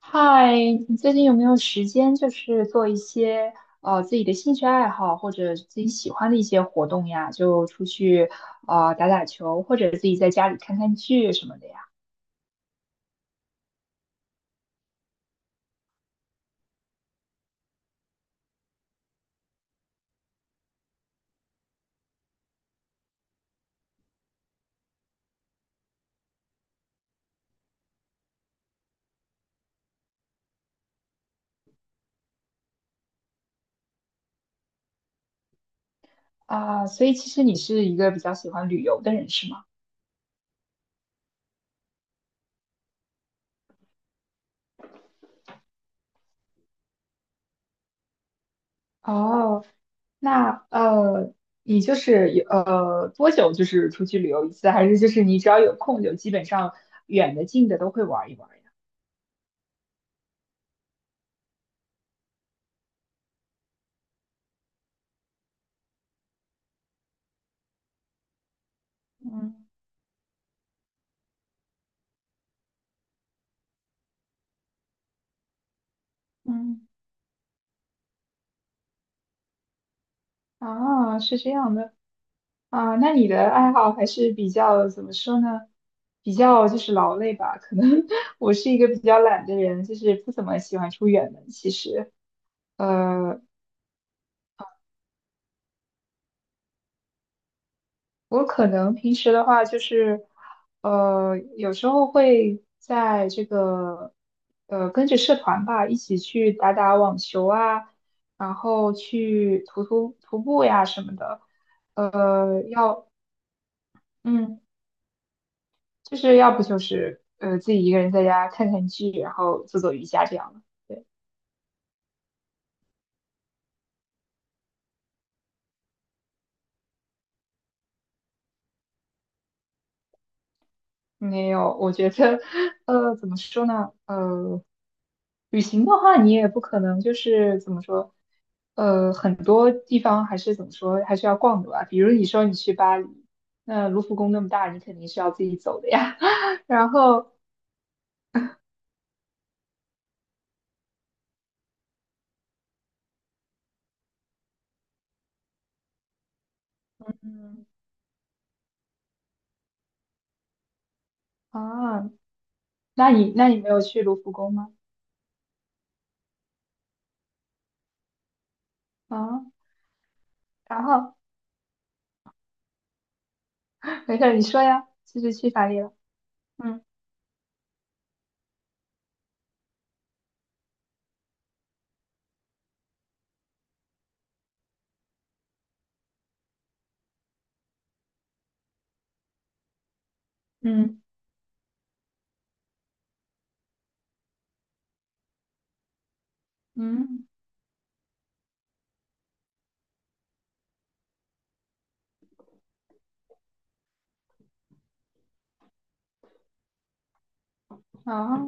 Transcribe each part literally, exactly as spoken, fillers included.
嗨，你最近有没有时间，就是做一些呃自己的兴趣爱好或者自己喜欢的一些活动呀？就出去呃打打球，或者自己在家里看看剧什么的呀？啊、所以其实你是一个比较喜欢旅游的人，是吗？哦，那呃，你就是有呃多久就是出去旅游一次，还是就是你只要有空就基本上远的近的都会玩一玩呀？嗯嗯，啊，是这样的。啊，那你的爱好还是比较怎么说呢？比较就是劳累吧。可能 我是一个比较懒的人，就是不怎么喜欢出远门。其实，呃，我可能平时的话就是，呃，有时候会在这个，呃，跟着社团吧，一起去打打网球啊，然后去徒徒徒步呀什么的。呃，要，嗯。就是要不就是呃自己一个人在家看看剧，然后做做瑜伽这样的。对，没有，我觉得 呃怎么说呢？呃，旅行的话，你也不可能就是怎么说，呃，很多地方还是怎么说，还是要逛的吧。比如你说你去巴黎，那卢浮宫那么大，你肯定是要自己走的呀。然后啊，那你那你没有去卢浮宫吗？啊，然后没事儿，你说呀，就是去法里了？嗯嗯嗯。啊，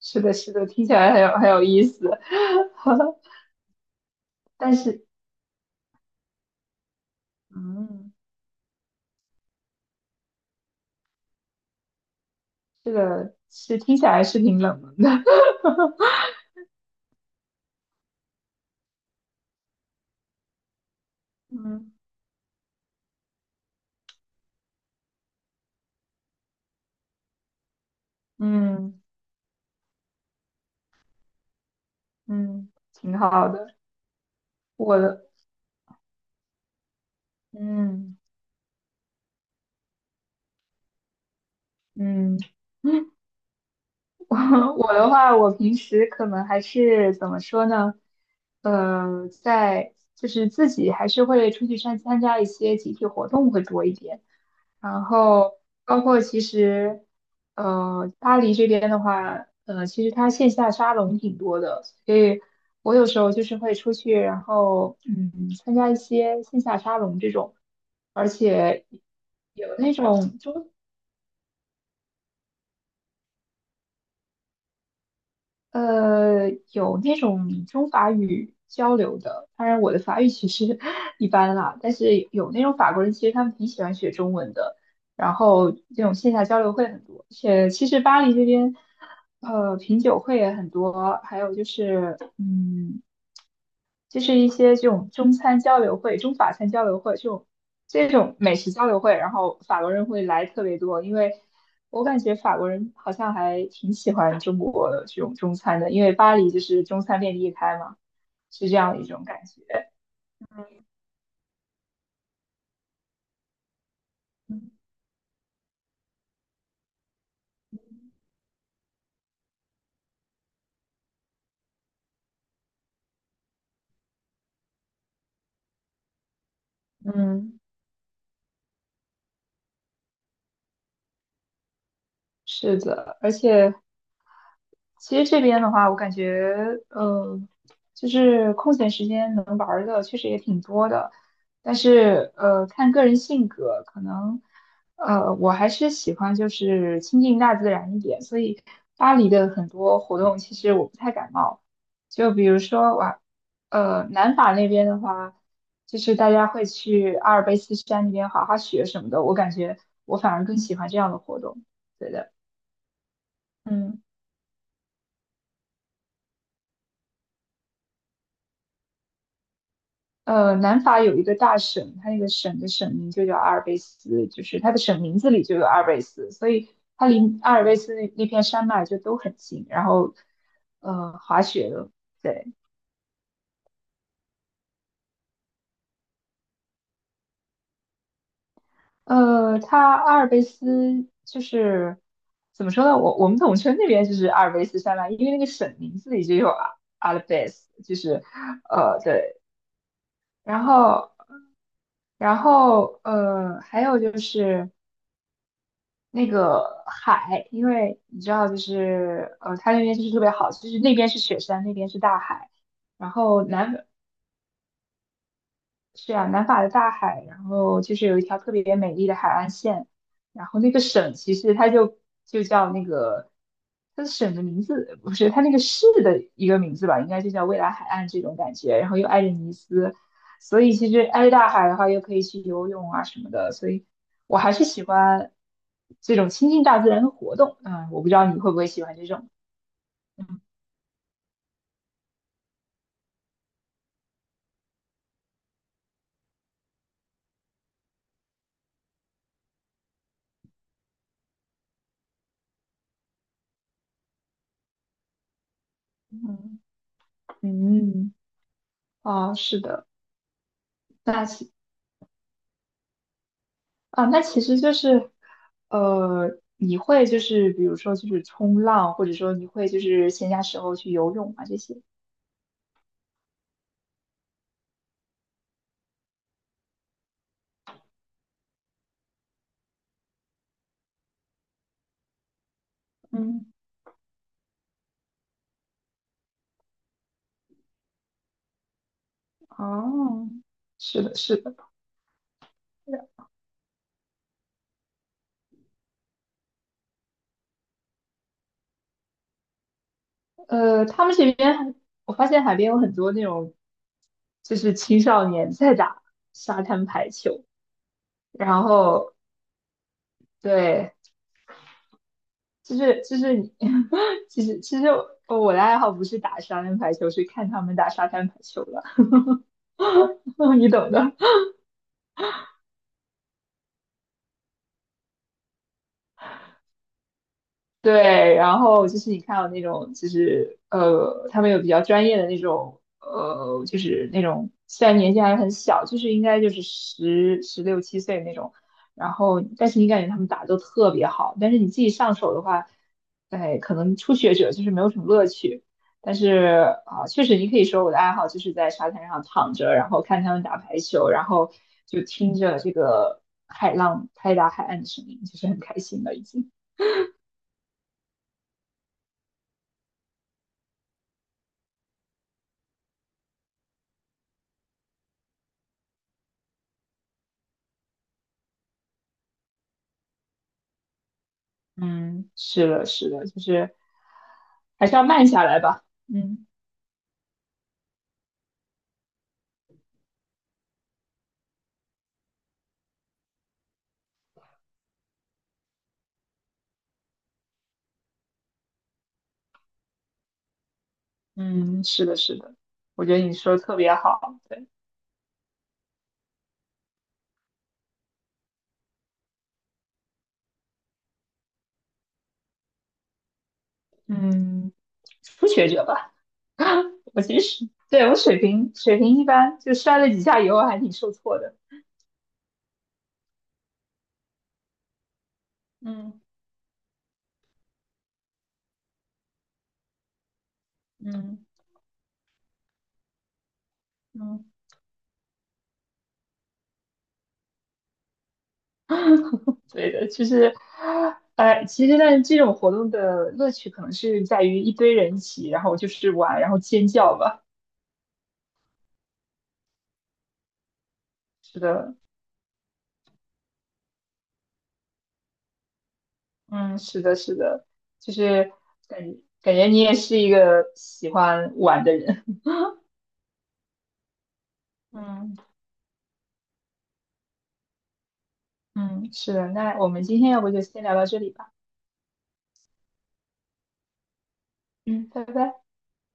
是的，是的，听起来很有很有意思。但是，嗯，这个是听起来是挺冷门的。嗯嗯嗯挺好的。我的，嗯嗯，我我的话，我平时可能还是怎么说呢？呃，在就是自己还是会出去参参加一些集体活动会多一点，然后包括其实呃巴黎这边的话，呃其实它线下沙龙挺多的，所以我有时候就是会出去，然后嗯参加一些线下沙龙这种，而且有那种就。呃，有那种中法语交流的，当然我的法语其实 一般啦，但是有那种法国人，其实他们挺喜欢学中文的，然后这种线下交流会很多。而且其实巴黎这边，呃，品酒会也很多，还有就是，嗯。就是一些这种中餐交流会、中法餐交流会这种这种美食交流会，然后法国人会来特别多，因为我感觉法国人好像还挺喜欢中国的这种中餐的，因为巴黎就是中餐遍地开嘛，是这样一种感觉。嗯，是的。而且其实这边的话，我感觉，呃，就是空闲时间能玩儿的确实也挺多的，但是，呃，看个人性格，可能，呃，我还是喜欢就是亲近大自然一点，所以巴黎的很多活动其实我不太感冒，就比如说哇，呃，南法那边的话，就是大家会去阿尔卑斯山那边滑滑雪什么的，我感觉我反而更喜欢这样的活动，对的，嗯。呃，南法有一个大省，它那个省的省名就叫阿尔卑斯，就是它的省名字里就有阿尔卑斯，所以它离阿尔卑斯那那片山脉就都很近。然后，呃，滑雪的，对，呃，它阿尔卑斯就是怎么说呢？我我们统称那边就是阿尔卑斯山脉，因为那个省名字里就有阿阿尔卑斯，就是呃，对，然后。然后呃，还有就是那个海，因为你知道，就是呃，它那边就是特别好，就是那边是雪山，那边是大海，然后南是啊，南法的大海，然后就是有一条特别美丽的海岸线，然后那个省其实它就就叫那个，它的省的名字不是它那个市的一个名字吧，应该就叫未来海岸这种感觉，然后又挨着尼斯，所以其实挨着大海的话，又可以去游泳啊什么的，所以我还是喜欢这种亲近大自然的活动。嗯，我不知道你会不会喜欢这种。嗯嗯，嗯，嗯哦，是的，那行。啊，那其实就是，呃，你会就是比如说就是冲浪，或者说你会就是闲暇时候去游泳啊这些。嗯，哦，是的，是的，呃，他们这边还我发现海边有很多那种，就是青少年在打沙滩排球，然后对，就是就是你，其实其实我的爱好不是打沙滩排球，是看他们打沙滩排球了。你懂的。对，然后就是你看到那种，就是呃，他们有比较专业的那种，呃，就是那种虽然年纪还很小，就是应该就是十十六七岁那种，然后但是你感觉他们打得都特别好，但是你自己上手的话，哎，可能初学者就是没有什么乐趣。但是啊，确实你可以说我的爱好就是在沙滩上躺着，然后看他们打排球，然后就听着这个海浪拍打海岸的声音，就是很开心了已经。嗯，是的，是的，就是还是要慢下来吧。嗯嗯，是的，是的，我觉得你说的特别好。对，嗯，初学者吧，我其实对我水平水平一般，就摔了几下以后还挺受挫的。嗯嗯嗯，对的，就是呃，其实呢，这种活动的乐趣可能是在于一堆人一起，然后就是玩，然后尖叫吧。是的。嗯，是的，是的，就是感感觉你也是一个喜欢玩的人。嗯嗯，是的，那我们今天要不就先聊到这里吧。嗯，拜拜。